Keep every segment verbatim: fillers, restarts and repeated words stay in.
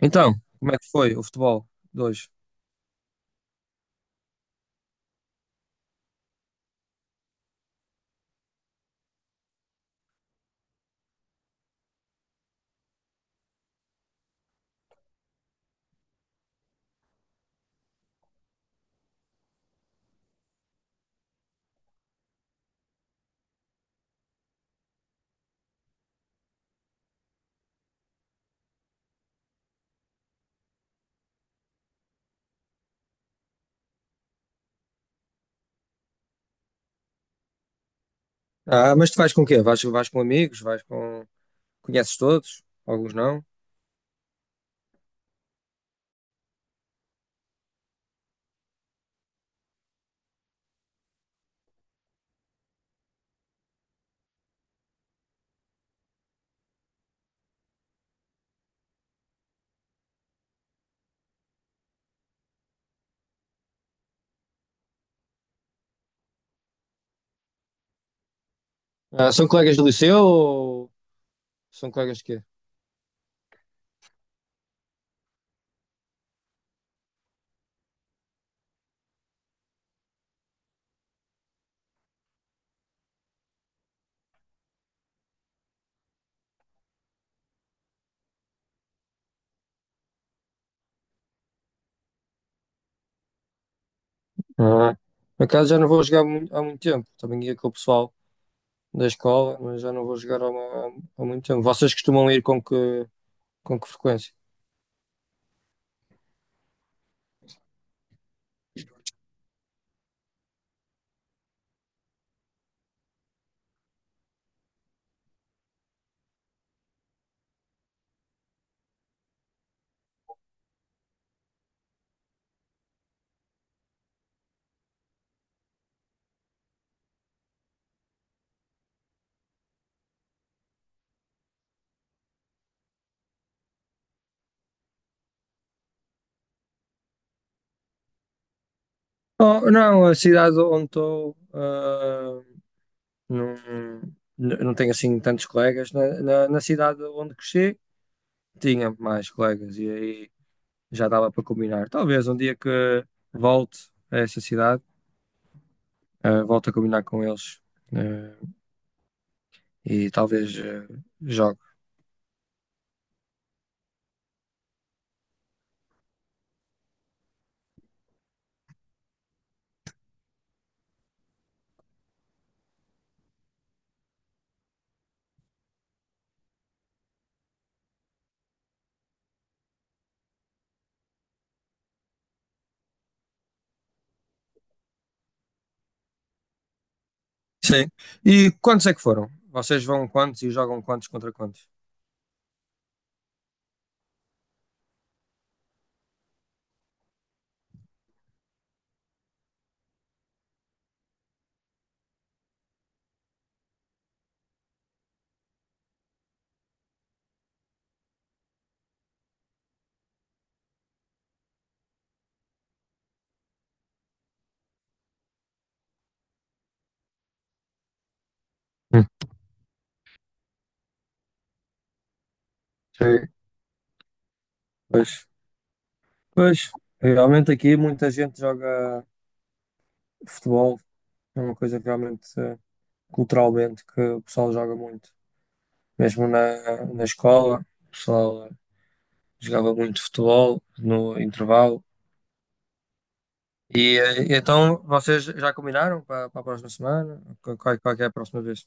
Então, como é que foi o futebol de hoje? Ah, mas tu vais com quê? Vais, vais com amigos? Vais com. Conheces todos? Alguns não? Ah, são colegas do liceu ou são colegas de quê? Ah. Por acaso já não vou jogar mu- há muito tempo. Também ia com o pessoal da escola, mas já não vou jogar há, mu- há muito tempo. Vocês costumam ir com que, com que frequência? Oh, não, a cidade onde estou, ah, não, n- não tenho assim tantos colegas. Na, na, na cidade onde cresci, tinha mais colegas. E aí já dava para combinar. Talvez um dia que volte a essa cidade, eh, volte a combinar com eles, eh, e talvez eh, jogue. Sim. E quantos é que foram? Vocês vão quantos e jogam quantos contra quantos? Hum. Sim. Pois, pois, realmente aqui muita gente joga futebol, é uma coisa que realmente eh, culturalmente que o pessoal joga muito. Mesmo na, na escola, o pessoal jogava muito futebol no intervalo. E, eh, então vocês já combinaram para, para a próxima semana? Qual, qual- qual que é a próxima vez?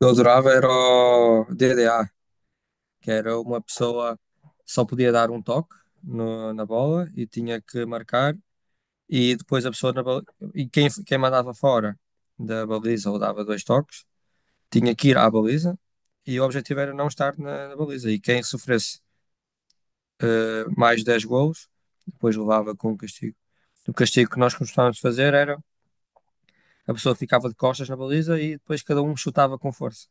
Eu adorava era o D D A, que era uma pessoa só podia dar um toque no- na bola e tinha que marcar e depois a pessoa na baliza, e quem, quem mandava fora da baliza ou dava dois toques tinha que ir à baliza e o objetivo era não estar na, na baliza e quem sofresse eh, mais dez golos depois levava com o castigo. O castigo que nós costumávamos fazer era a pessoa ficava de costas na baliza e depois cada um chutava com força.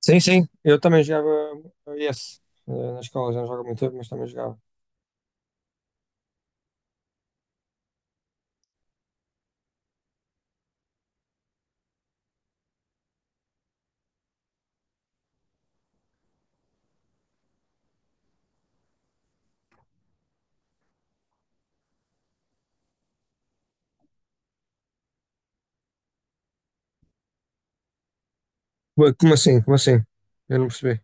Sim, sim, eu também jogava esse eh, na escola, já não jogo há muito tempo, mas também jogava. Ué, como assim? Como assim? Eu não percebi.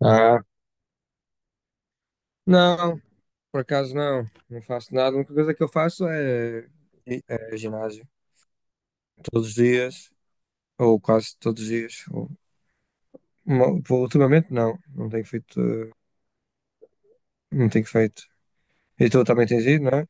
Ah, não, por acaso não, não faço nada. A única coisa que eu faço é, é é ginásio. Todos os dias, ou quase todos os dias. Ou, uma- ultimamente não, não tenho feito, eh, não tenho feito. E tu também tens ido, não é?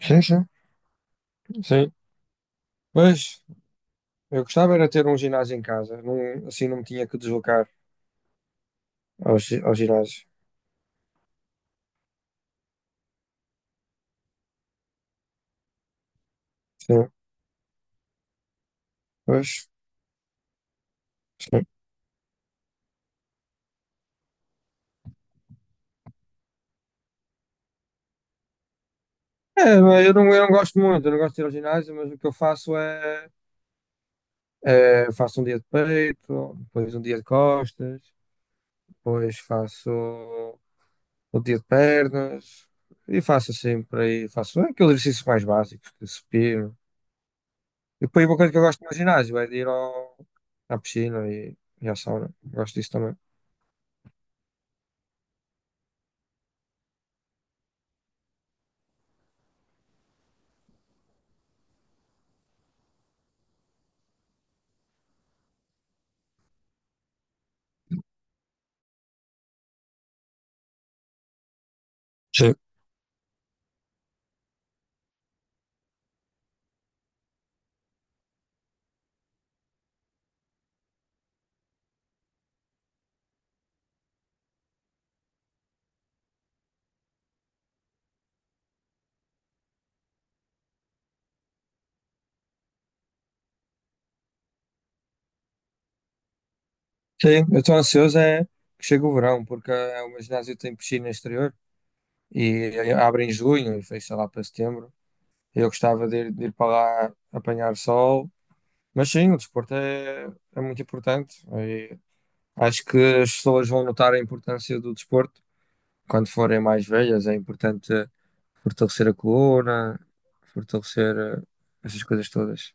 Sim, sim, sim. Mas eu gostava era ter um ginásio em casa, não, assim não me tinha que deslocar ao, gi- ao ginásio. Sim, pois, sim. É, mas eu não, eu não gosto muito, eu não gosto de ir ao ginásio, mas o que eu faço é. Eh, faço um dia de peito, depois um dia de costas, depois faço o dia de pernas e faço sempre aí, faço aqueles exercícios mais básicos, de supino. E depois uma coisa que eu gosto no ginásio é de ir ao, à piscina e, e à sauna. Gosto disso também. Sim. Sim, eu estou ansioso é que chegue o verão, porque eh, o meu ginásio tem piscina exterior e abre em junho e fecha lá para setembro. Eu gostava de ir, de ir para lá apanhar sol. Mas sim, o desporto é, é muito importante. E acho que as pessoas vão notar a importância do desporto quando forem mais velhas. É importante fortalecer a coluna, fortalecer eh, essas coisas todas.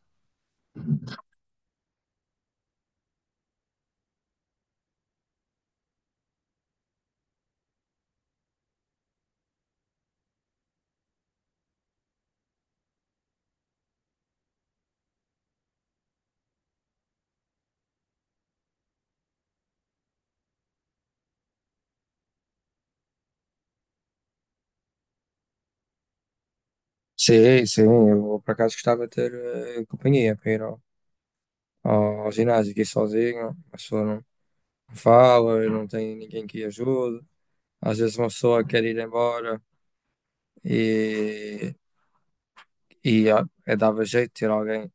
Sim, sim, eu por acaso gostava de ter eh, companhia para ir ao, ao, ao ginásio, que ir sozinho, a pessoa não fala, não tem ninguém que ajude. Às vezes uma pessoa quer ir embora e, e ah, eh, dava jeito de ter alguém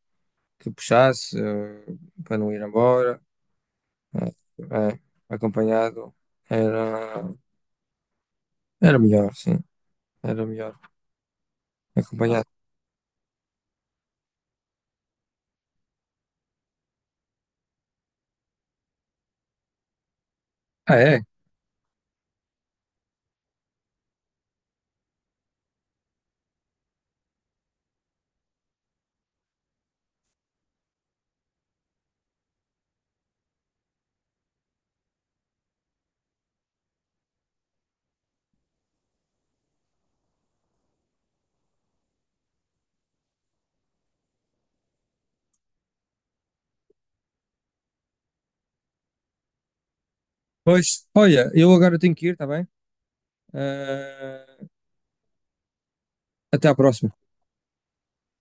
que puxasse eh, para não ir embora, eh, eh, acompanhado era, era melhor, sim, era melhor acompanhado. Ah, é? Pois, olha, eu agora tenho que ir, está bem? Eh, até à próxima.